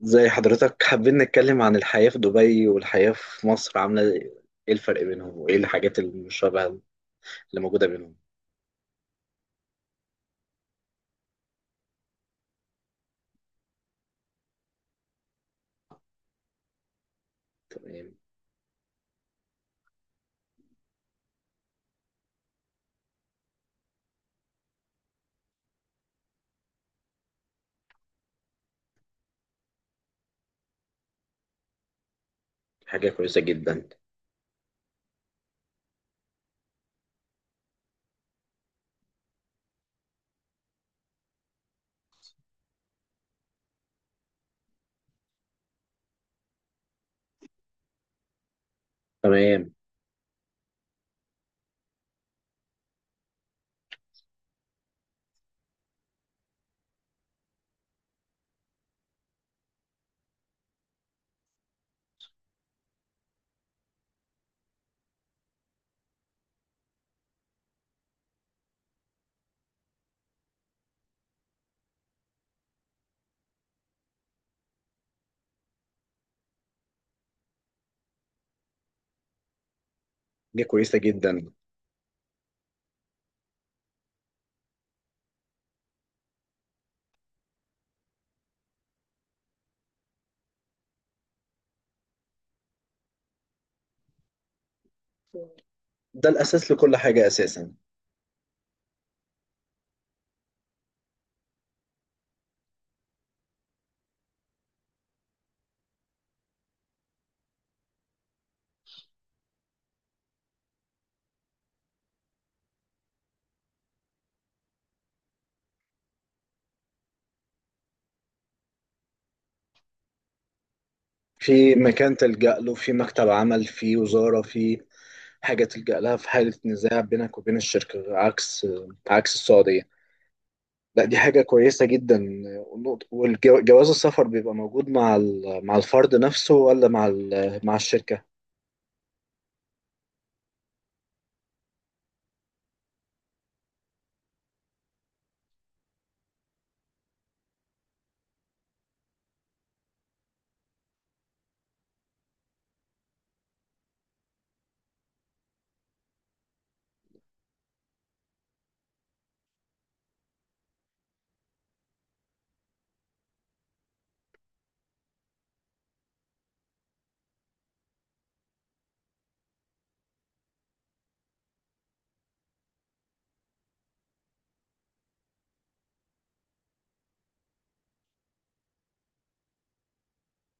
زي حضرتك حابين نتكلم عن الحياة في دبي والحياة في مصر عاملة ايه. إيه الفرق بينهم وايه الحاجات المشابهة اللي موجودة بينهم؟ تمام. حاجة كويسة جدا. تمام. حاجة كويسة جدا. ده الأساس لكل حاجة أساسا. في مكان تلجأ له، في مكتب عمل، في وزارة، في حاجة تلجأ لها في حالة نزاع بينك وبين الشركة، عكس السعودية. لا، دي حاجة كويسة جدا. والجواز السفر بيبقى موجود مع مع الفرد نفسه، ولا مع مع الشركة؟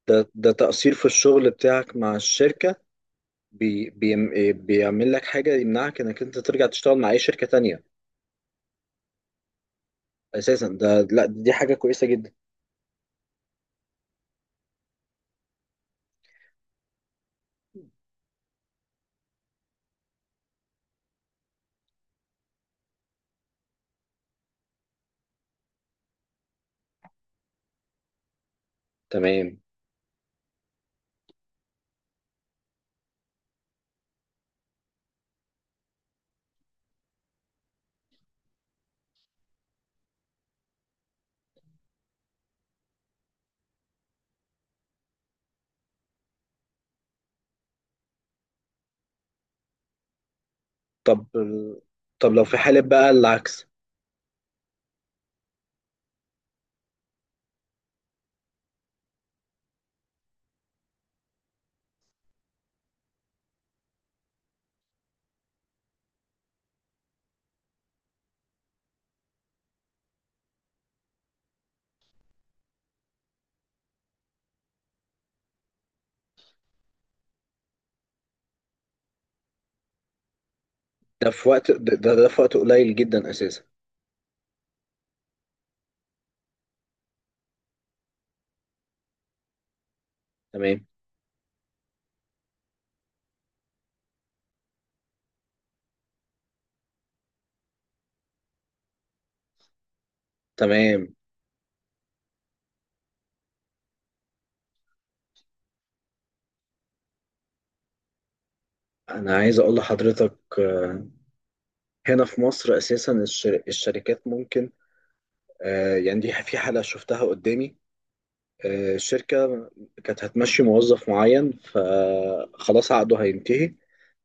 ده تقصير في الشغل بتاعك مع الشركة بي بي بيعمل لك حاجة يمنعك انك انت ترجع تشتغل مع اي شركة تانية اساسا؟ ده لا، دي حاجة كويسة جدا. تمام. طب، لو في حالة بقى العكس؟ ده في وقت، ده في وقت قليل جدا اساسا. تمام. تمام. انا عايز اقول لحضرتك، هنا في مصر اساسا الشركات ممكن، يعني دي في حالة شفتها قدامي. الشركة كانت هتمشي موظف معين، فخلاص عقده هينتهي،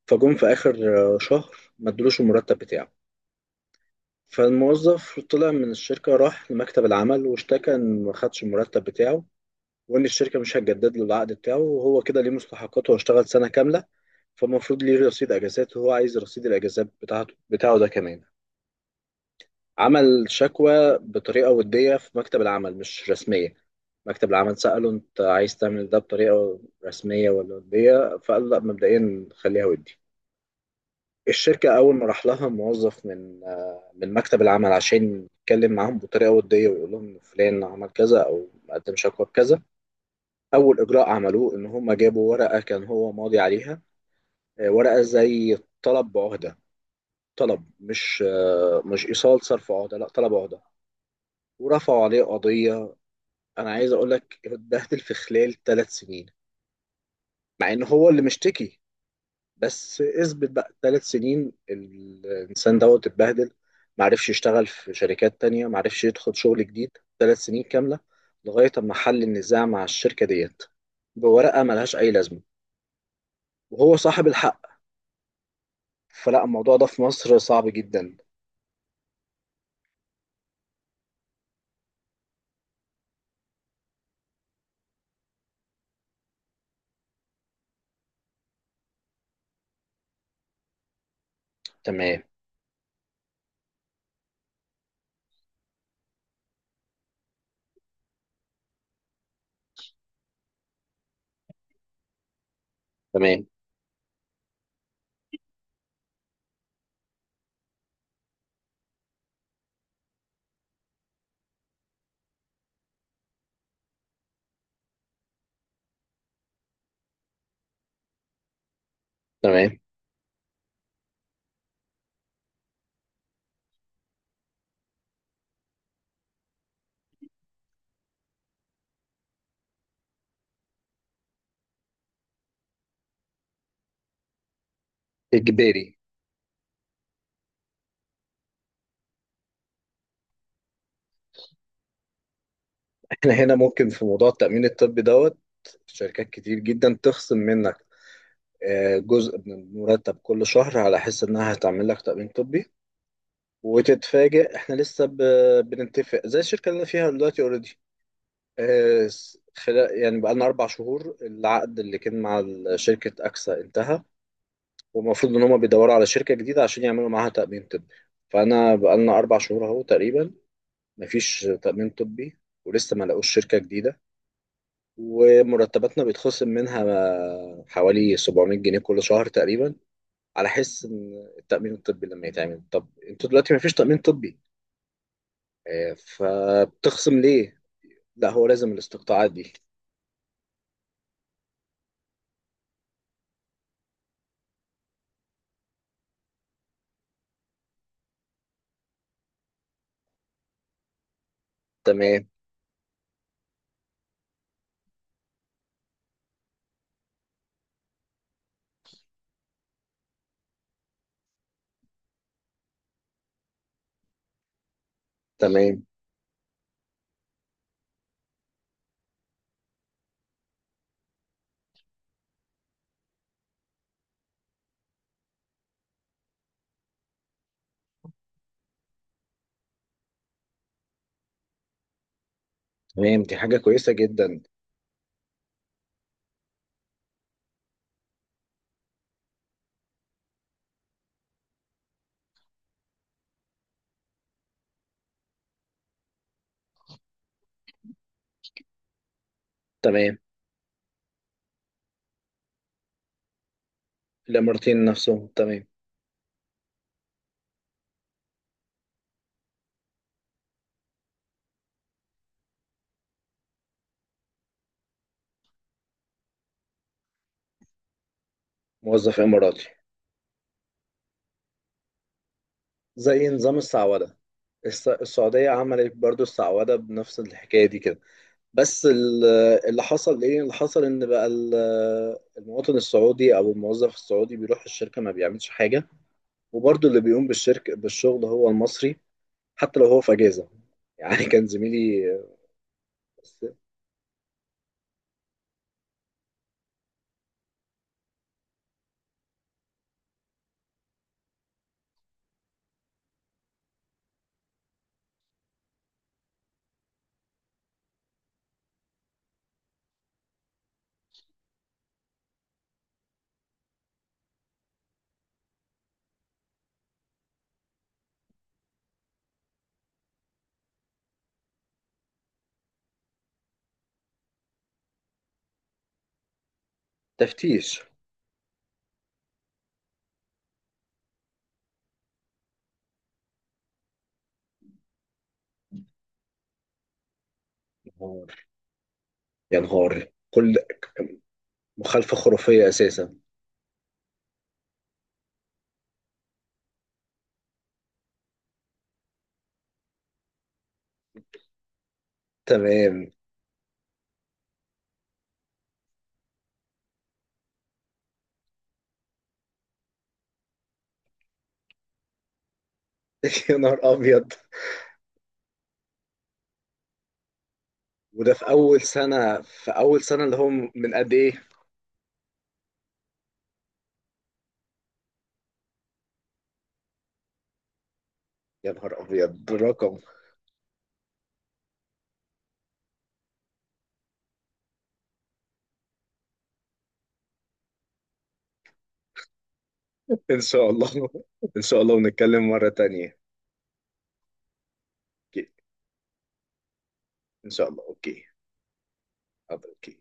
فجم في آخر شهر ما ادولوش المرتب بتاعه. فالموظف طلع من الشركة، راح لمكتب العمل واشتكى إن ما خدش المرتب بتاعه، وإن الشركة مش هتجدد له العقد بتاعه، وهو كده ليه مستحقاته، واشتغل سنة كاملة، فالمفروض ليه رصيد أجازات، وهو عايز رصيد الأجازات بتاعه ده كمان. عمل شكوى بطريقة ودية في مكتب العمل، مش رسمية. مكتب العمل سأله أنت عايز تعمل ده بطريقة رسمية ولا ودية؟ فقال لا، مبدئيا خليها ودي. الشركة أول ما راح لها موظف من من مكتب العمل عشان يتكلم معاهم بطريقة ودية ويقول لهم إن فلان عمل كذا أو قدم شكوى بكذا، أول إجراء عملوه إن هم جابوا ورقة كان هو ماضي عليها، ورقة زي طلب بعهدة. طلب، مش مش إيصال صرف عهدة، لا طلب عهدة. ورفعوا عليه قضية. انا عايز اقول لك، اتبهدل في خلال ثلاث سنين، مع ان هو اللي مشتكي. بس اثبت بقى ثلاث سنين الانسان دوت اتبهدل، معرفش يشتغل في شركات تانية، معرفش يدخل شغل جديد ثلاث سنين كاملة، لغاية اما حل النزاع مع الشركة ديت بورقة ملهاش اي لازمة، وهو صاحب الحق. فلا، الموضوع ده في مصر صعب جدا. تمام. تمام. تمام. اجباري؟ احنا هنا ممكن في موضوع التأمين الطبي دوت شركات كتير جدا تخصم منك جزء من المرتب كل شهر على حس انها هتعمل لك تأمين طبي. وتتفاجئ، احنا لسه بنتفق. زي الشركة اللي انا فيها دلوقتي، اوريدي، آه، خلال يعني بقالنا اربع شهور العقد اللي كان مع شركة اكسا انتهى، والمفروض ان هما بيدوروا على شركة جديدة عشان يعملوا معاها تأمين طبي. فانا بقالنا اربع شهور اهو تقريبا مفيش تأمين طبي، ولسه ما لقوش شركة جديدة، ومرتباتنا بيتخصم منها حوالي 700 جنيه كل شهر تقريبا، على حس ان التأمين الطبي لما يتعمل. طب انتوا دلوقتي ما فيش تأمين طبي، فبتخصم ليه؟ لا هو لازم الاستقطاعات دي. تمام. تمام. تمام، دي حاجة كويسة جدا. تمام. الإماراتيين نفسهم، تمام. موظف إماراتي. زي نظام السعودة. السعودية عملت برضو السعودة بنفس الحكاية دي كده. بس اللي حصل ايه؟ اللي حصل ان بقى المواطن السعودي او الموظف السعودي بيروح الشركة ما بيعملش حاجة، وبرضو اللي بيقوم بالشركة بالشغل هو المصري، حتى لو هو في اجازه. يعني كان زميلي. بس. تفتيش. يا نهار. يا نهار. كل مخالفه خرافيه اساسا. تمام. يا نهار ابيض. وده في اول سنه؟ في اول سنه اللي هو من قد ايه؟ يا نهار ابيض. رقم. ان شاء الله. ان شاء الله، ونتكلم مره تانية. اوكي. ان شاء الله. اوكي. حاضر، اوكي.